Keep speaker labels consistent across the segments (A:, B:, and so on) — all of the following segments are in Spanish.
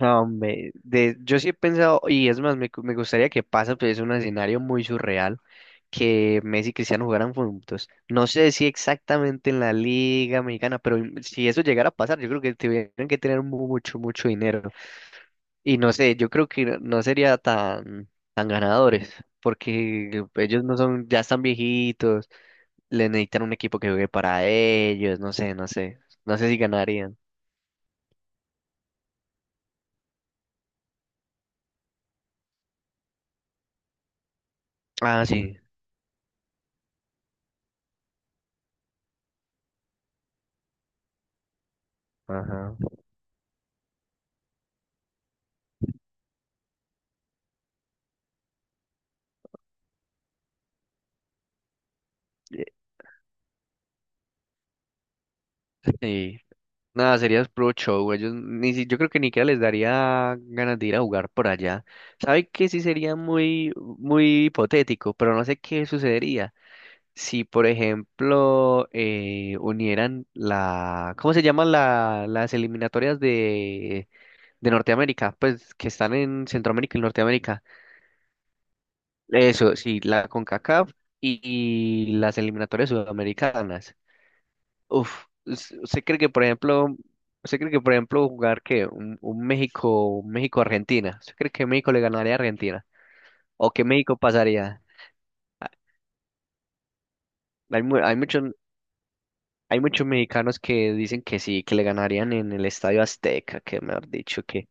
A: No, hombre, yo sí he pensado, y es más, me gustaría que pase, pues es un escenario muy surreal, que Messi y Cristiano jugaran juntos. No sé si exactamente en la Liga Mexicana, pero si eso llegara a pasar, yo creo que tuvieran que tener mucho, mucho dinero. Y no sé, yo creo que no sería tan, tan ganadores, porque ellos no son, ya están viejitos, le necesitan un equipo que juegue para ellos, no sé, no sé, no sé si ganarían. Ah, sí, ajá. eh, Sí. Nada, sería pro show, ellos ni si, yo creo que ni siquiera les daría ganas de ir a jugar por allá. ¿Sabe que sí sería muy, muy hipotético, pero no sé qué sucedería? Si por ejemplo unieran la, ¿cómo se llaman las eliminatorias de Norteamérica? Pues que están en Centroamérica y Norteamérica. Eso, sí, la CONCACAF y las eliminatorias sudamericanas. Uf, ¿usted cree que por ejemplo, usted cree que por ejemplo jugar que un México, un México-Argentina? ¿Usted cree que México le ganaría a Argentina? ¿O que México pasaría? Ah, Hay, mu- hay muchos Hay muchos mexicanos que dicen que sí, que le ganarían en el Estadio Azteca, que me han dicho que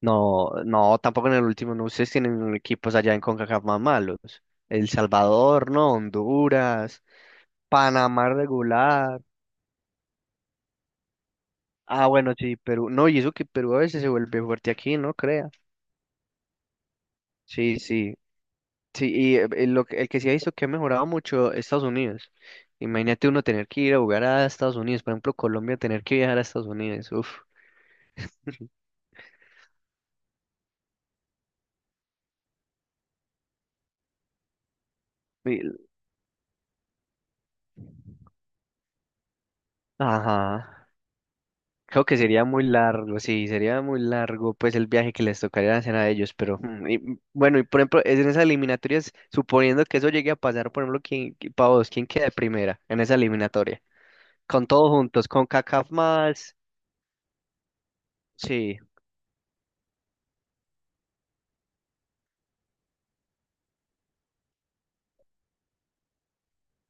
A: no, no, tampoco en el último, no, ustedes tienen equipos allá en CONCACAF más malos. El Salvador, no, Honduras, Panamá regular. Ah, bueno, sí, Perú. No, y eso que Perú a veces se vuelve fuerte aquí, no crea. Sí, sí. Sí, y el que sí ha visto que ha mejorado mucho Estados Unidos. Imagínate uno tener que ir a jugar a Estados Unidos, por ejemplo, Colombia tener que viajar a Estados Unidos. Uf. Y- Ajá. Creo que sería muy largo, sí, sería muy largo pues el viaje que les tocaría hacer a ellos, pero bueno, y por ejemplo, es en esas eliminatorias, suponiendo que eso llegue a pasar, por ejemplo, pa vos, ¿quién queda de primera en esa eliminatoria? Con todos juntos, con CACAF más, sí,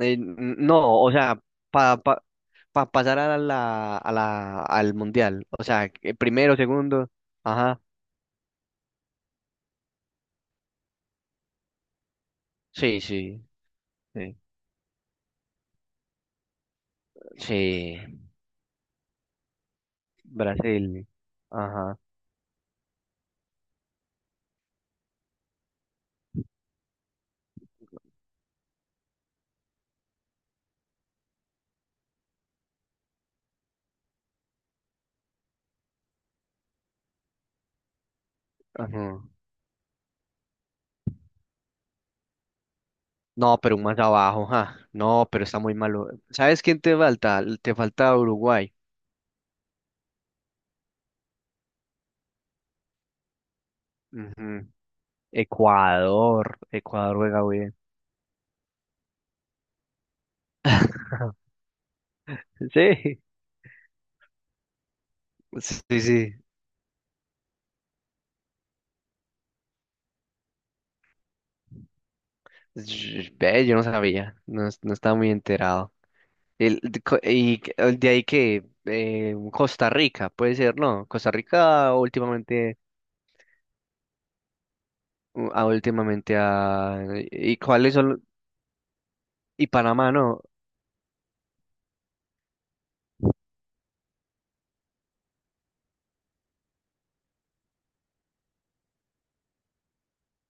A: no, o sea, para pa, pa- pa pasar a la, al mundial, o sea, primero, segundo, ajá, sí, sí, sí, sí, Brasil, ajá, ajá. No, pero más abajo, ja. No, pero está muy malo. ¿Sabes quién te falta? Te falta Uruguay. Ujú. Ecuador. Ecuador juega bien. Sí. Sí, sí. Ve, yo no sabía. No, no estaba muy enterado. El, de co- y que- el de ahí que Costa Rica, puede ser, ¿no? Costa Rica últimamente, últimamente a, ¿y cuáles son? Y Panamá, ¿no?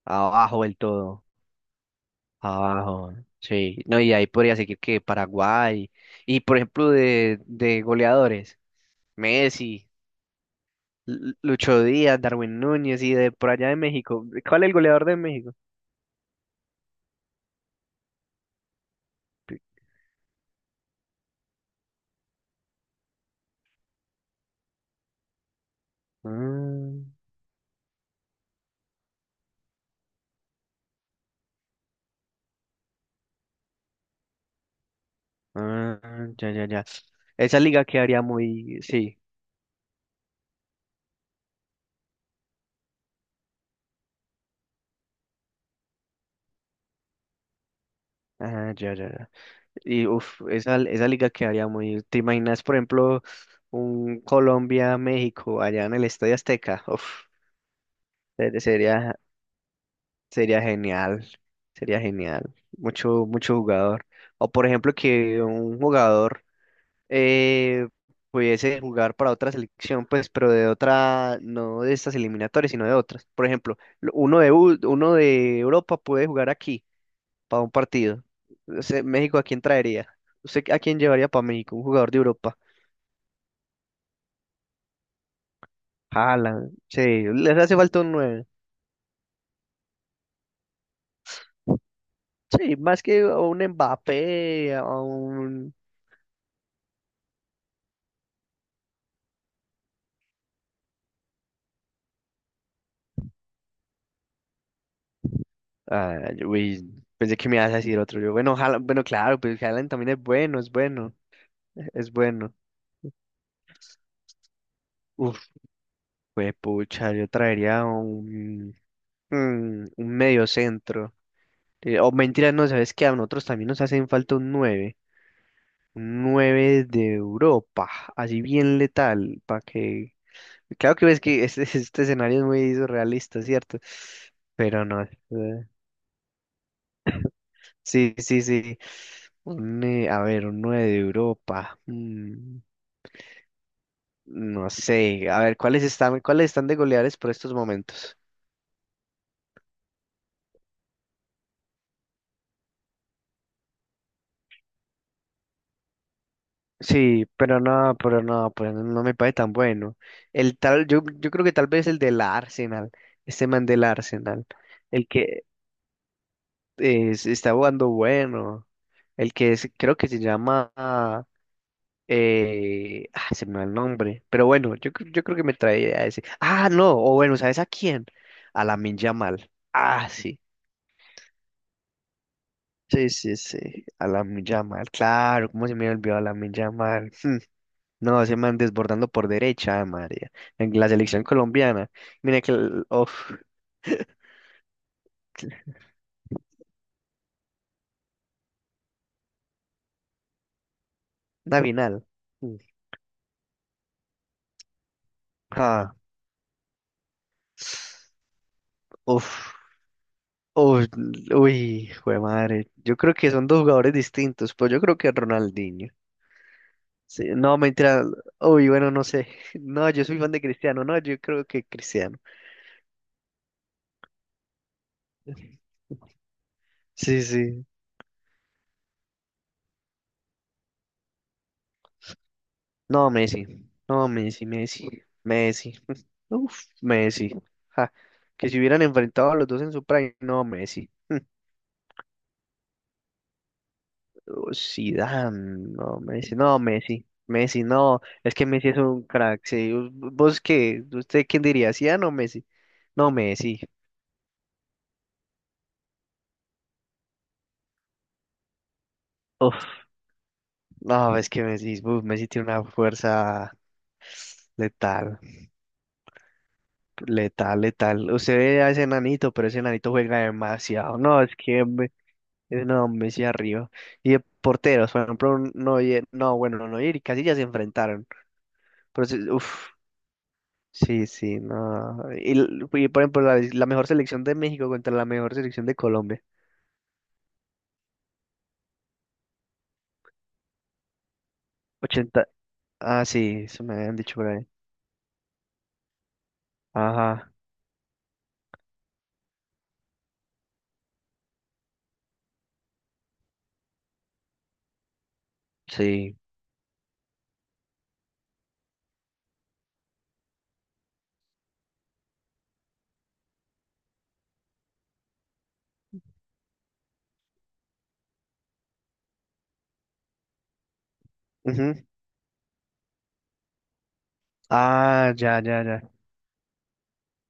A: Abajo del todo. Abajo, sí. No, y ahí podría seguir que Paraguay. Y por ejemplo, de goleadores, Messi, Lucho Díaz, Darwin Núñez y de por allá de México. ¿Cuál es el goleador de México? Ah, ah, ya, ya, ya. Esa liga quedaría muy. Sí. Ah, ya, ya, ya. Y uff, esa liga quedaría muy. ¿Te imaginas, por ejemplo, un Colombia-México allá en el Estadio Azteca? Uf, sería. Sería genial, sería genial. Mucho, mucho jugador. O por ejemplo que un jugador eh, pudiese jugar para otra selección, pues, pero de otra, no de estas eliminatorias, sino de otras. Por ejemplo, uno de, uno de Europa puede jugar aquí para un partido. O sea, México, ¿a quién traería? ¿Usted a quién llevaría para México? Un jugador de Europa. Haaland, sí, les hace falta un nueve. Sí, más que a un Mbappé, a un. Ah, uy, pensé que me ibas a decir otro. Yo, bueno, Haaland, bueno, claro, pues Haaland también es bueno, es bueno, es bueno. Uf, pues pucha, yo traería un, un medio centro. O mentira, no, ¿sabes qué? A nosotros también nos hacen falta un nueve, un 9 de Europa, así bien letal, para que... Claro que ves que este, este escenario es muy surrealista, ¿cierto? Pero no, sí, sí, sí. Un, a ver, un 9 de Europa. No sé, a ver, cuáles están de goleadores por estos momentos? Sí, pero no, pero no, pero no, no me parece tan bueno. El tal, yo creo que tal vez el del Arsenal, este man del Arsenal, el que es está jugando bueno, el que creo que se llama, se me va el nombre, pero bueno, yo creo que me traía a ese. Ah, no, o bueno, ¿sabes a quién? A Lamine Yamal. Ah, sí. Sí, sí, sí, a la Yamal, claro, cómo se me olvidó a la Yamal. No, ese man desbordando por derecha, María, en la selección colombiana. Mira que, uf, una final. Mm. Ah, uf, uf, uy, jue madre. Yo creo que son dos jugadores distintos, pero yo creo que Ronaldinho. Sí, no, mentira, uy, bueno, no sé. No, yo soy fan de Cristiano, no, yo creo que Cristiano. Sí, sí. No, Messi. No, Messi, Messi. Messi. Uf, Messi. Ja, que si hubieran enfrentado a los dos en su prime, no, Messi. Oh, Zidane, no, Messi. No, Messi. Messi, no. Es que Messi es un crack. Sí. ¿Vos qué? ¿Usted quién diría? ¿Zidane o Messi? No, Messi. Uf, no, es que Messi, uf, Messi tiene una fuerza letal, letal, letal. Usted ve a ese enanito, pero ese enanito juega demasiado. No, es que. No, Messi arriba. Y de porteros, por ejemplo, Neuer, no, bueno, no, Neuer y Casillas se enfrentaron. Pero sí, uf, sí, sí, no. Y, por ejemplo, la mejor selección de México contra la mejor selección de Colombia. Ochenta. Ah, sí, eso me habían dicho por ahí. Ajá, sí. Ujú. Ah, ya, ya, ya.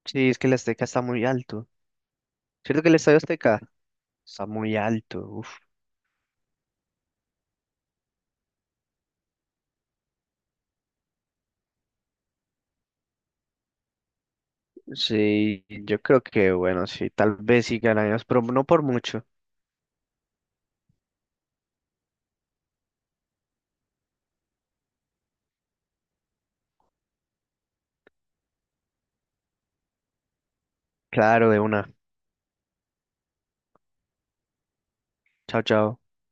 A: Sí, es que el Azteca está muy alto. ¿Cierto que el Estadio Azteca está muy alto? Uf. Sí, yo creo que, bueno, sí, tal vez sí ganamos, pero no por mucho. Claro, de una. Chao, chao.